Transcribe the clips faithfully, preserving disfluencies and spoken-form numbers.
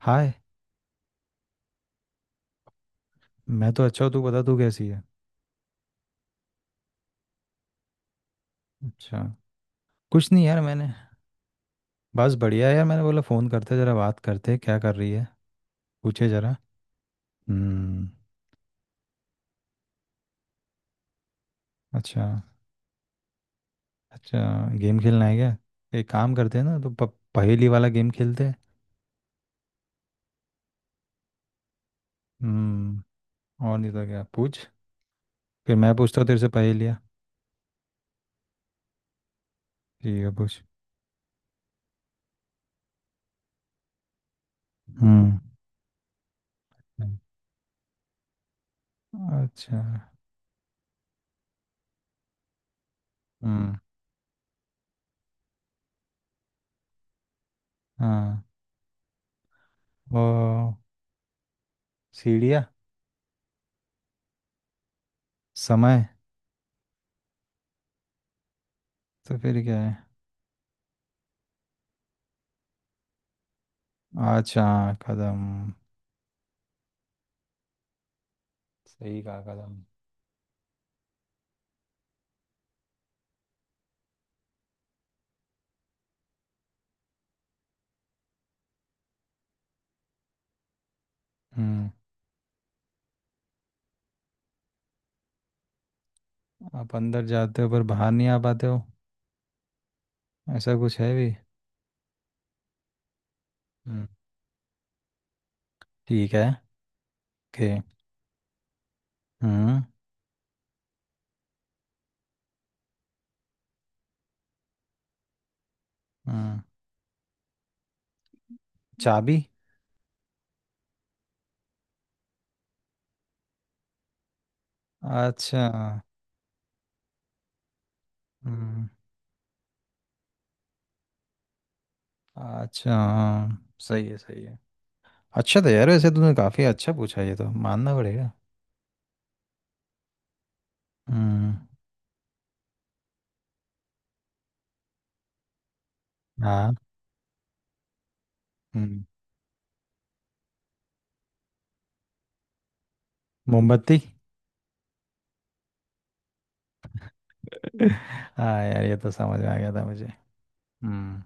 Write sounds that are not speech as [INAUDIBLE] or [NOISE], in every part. हाय। मैं तो अच्छा हूँ, तू बता तू कैसी है। अच्छा, कुछ नहीं यार मैंने। बस बढ़िया है यार, मैंने बोला फ़ोन करते जरा, बात करते क्या कर रही है, पूछे जरा। हम्म। अच्छा अच्छा। गेम खेलना है क्या? एक काम करते हैं ना, तो प- पहेली वाला गेम खेलते हैं। हम्म। और नहीं तो क्या, पूछ। फिर मैं पूछता हूँ तेरे से पहेलियाँ। ठीक है पूछ। हम्म। अच्छा। हम्म। हाँ। वो सीढ़ियाँ। समय। तो फिर क्या है? अच्छा। कदम। सही कहा, कदम। हम्म। आप अंदर जाते हो पर बाहर नहीं आ पाते हो? ऐसा कुछ है भी? हम्म। ठीक है। ओके। हम्म। हम्म। चाबी। अच्छा। हम्म। अच्छा हाँ, सही है सही है। अच्छा था यार, वैसे तूने काफ़ी अच्छा पूछा, ये तो मानना पड़ेगा। हम्म। हाँ। हम्म। मोमबत्ती। [LAUGHS] हाँ यार, ये तो समझ में आ गया था मुझे। हम्म।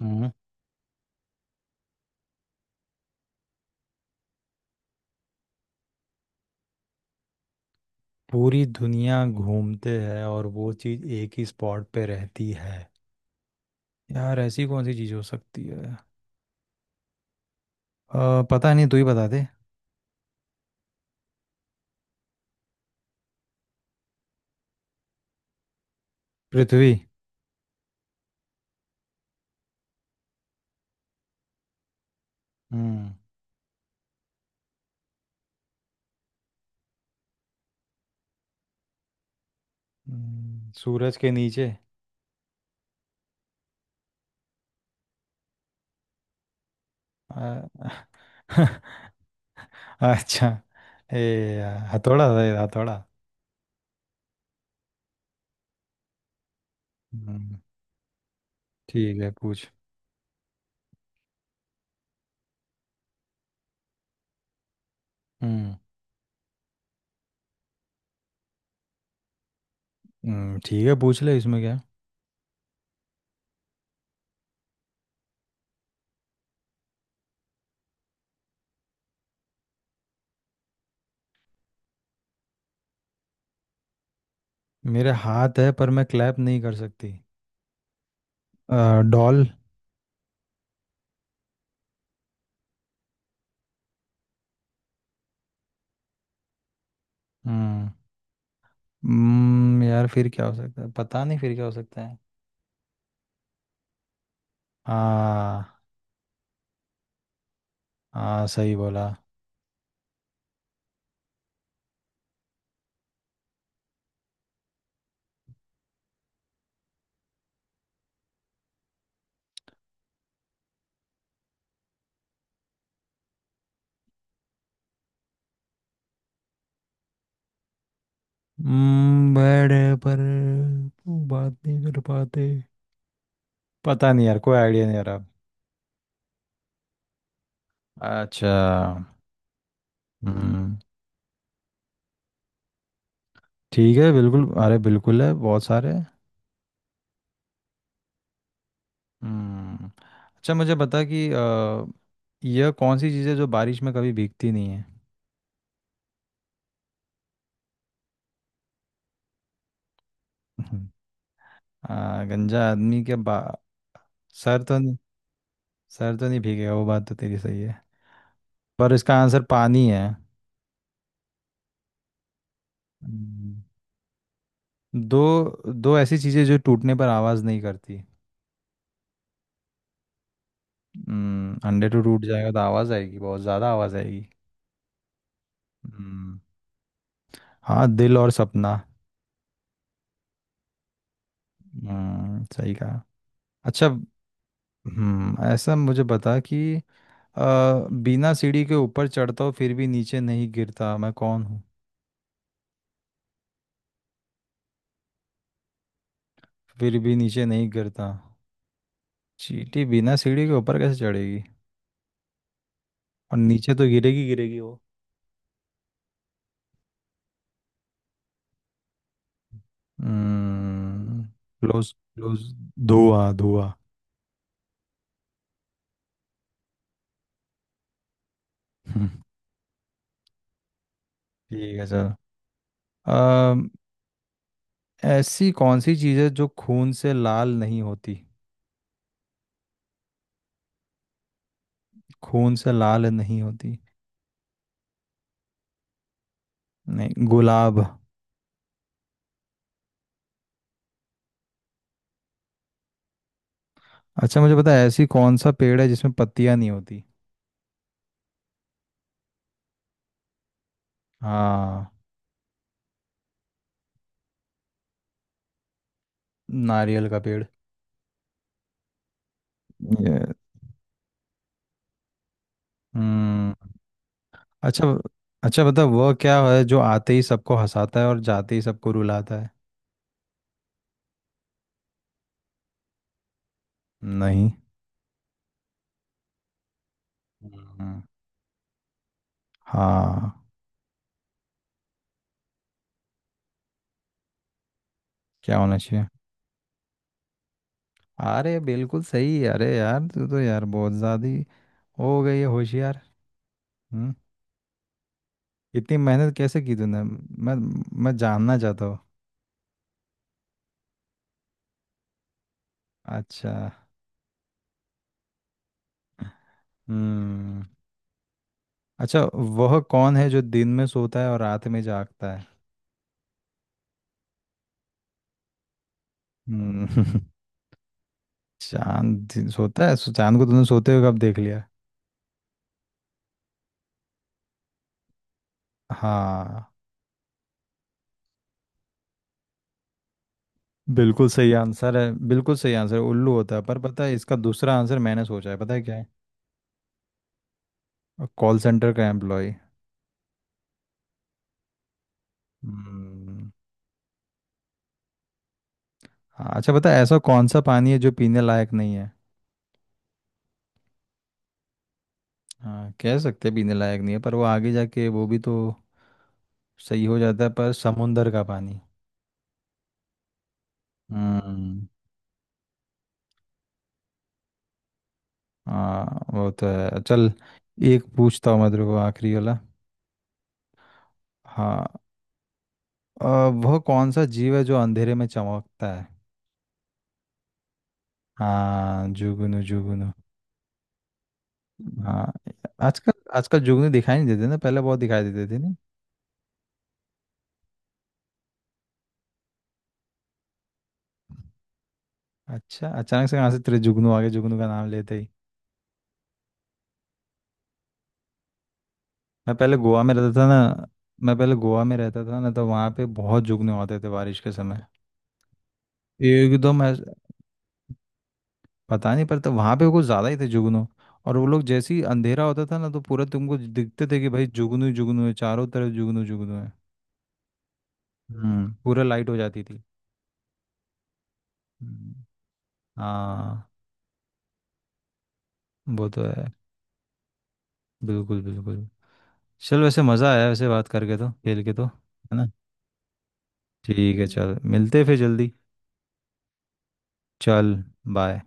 हम्म। पूरी दुनिया घूमते हैं और वो चीज़ एक ही स्पॉट पे रहती है? यार ऐसी कौन सी चीज़ हो सकती है? अ, पता नहीं, तू ही बता दे। पृथ्वी। हम्म। हम्म, सूरज के नीचे। अ, [LAUGHS] अच्छा। ए। यार, हथौड़ा था ये, हथौड़ा। हम्म, ठीक है पूछ। हम्म। हम्म, ठीक है पूछ ले, इसमें क्या है? मेरे हाथ है पर मैं क्लैप नहीं कर सकती। अ, डॉल। हम्म। हम्म, यार फिर क्या हो सकता है, पता नहीं फिर क्या हो सकता है। हाँ। हाँ सही बोला। हम्म, बड़े पर वो बात नहीं कर पाते। पता नहीं यार, कोई आइडिया नहीं यार अब। अच्छा। हम्म। ठीक है बिल्कुल, अरे बिल्कुल है बहुत सारे। हम्म। अच्छा मुझे बता कि अ, यह कौन सी चीज़ है जो बारिश में कभी भीगती नहीं है? [LAUGHS] हम्म। आ, गंजा आदमी के बा सर तो नहीं। सर तो नहीं भीगेगा, वो बात तो तेरी सही है, पर इसका आंसर पानी है। हम्म, दो। दो ऐसी चीज़ें जो टूटने पर आवाज़ नहीं करती। हम्म, अंडे तो टूट जाएगा तो आवाज़ आएगी, बहुत ज़्यादा आवाज़ आएगी। हम्म। हाँ, दिल और सपना। हम्म, सही कहा। अच्छा। हम्म, ऐसा मुझे बता कि अ, बिना सीढ़ी के ऊपर चढ़ता हूँ फिर भी नीचे नहीं गिरता, मैं कौन हूँ? फिर भी नीचे नहीं गिरता। चींटी बिना सीढ़ी के ऊपर कैसे चढ़ेगी? और नीचे तो गिरेगी गिरेगी वो। हम्म। Close close. धुआं धुआं। हम्म, ठीक है सर। अम, ऐसी कौन सी चीज़ है जो खून से लाल नहीं होती? खून से लाल नहीं होती। नहीं, गुलाब। अच्छा, मुझे पता है, ऐसी कौन सा पेड़ है जिसमें पत्तियां नहीं होती? हाँ। नारियल का पेड़। ये। हम्म। अच्छा। अच्छा बता वह क्या है जो आते ही सबको हंसाता है और जाते ही सबको रुलाता है? नहीं। हम्म, हाँ। क्या होना चाहिए? अरे बिल्कुल सही, अरे यार तू तो यार बहुत ज्यादा ही हो गई है होशियार। हम्म। इतनी मेहनत कैसे की तूने? मैं। मैं जानना चाहता हूँ। अच्छा। हम्म। अच्छा, वह कौन है जो दिन में सोता है और रात में जागता है? हम्म, [LAUGHS] चांद दिन सोता है, सो चांद को तुमने सोते हुए कब देख लिया? हाँ। बिल्कुल सही आंसर है, बिल्कुल सही आंसर है, उल्लू होता है, पर पता है इसका दूसरा आंसर मैंने सोचा है, पता है क्या है? कॉल सेंटर का एम्प्लॉय। हम्म। हाँ, अच्छा पता है, ऐसा कौन सा पानी है जो पीने लायक नहीं है? हाँ, कह सकते हैं पीने लायक नहीं है, पर वो आगे जाके वो भी तो सही हो जाता है, पर समुंदर का पानी। हम्म। हाँ। वो तो है, चल। एक पूछता हूँ मैं तेरे को आखिरी वाला। हाँ। अ, वह कौन सा जीव है जो अंधेरे में चमकता है? हाँ, जुगनू जुगनू। हाँ। आजकल। आजकल जुगनू दिखाई नहीं देते ना, पहले बहुत दिखाई देते थे नहीं। अच्छा, अचानक से कहाँ से तेरे जुगनू आ गए, जुगनू का नाम लेते ही। मैं पहले गोवा में रहता था ना। मैं पहले गोवा में रहता था ना, तो वहाँ पे बहुत जुगनू होते थे बारिश के समय। एकदम ऐस- पता नहीं पड़ता, वहाँ पे कुछ ज़्यादा ही थे जुगनू। और वो लोग जैसे ही अंधेरा होता था ना, तो पूरा तुमको दिखते थे कि भाई जुगनू ही जुगनू है, चारों तरफ जुगनू जुगनू है। हम्म, पूरा लाइट हो जाती थी। हम्म। हाँ। वो तो है। बिल्कुल बिल्कुल। चल वैसे मज़ा आया, वैसे बात करके तो, खेल के तो है ना। ठीक है चल, मिलते हैं फिर जल्दी। चल। बाय।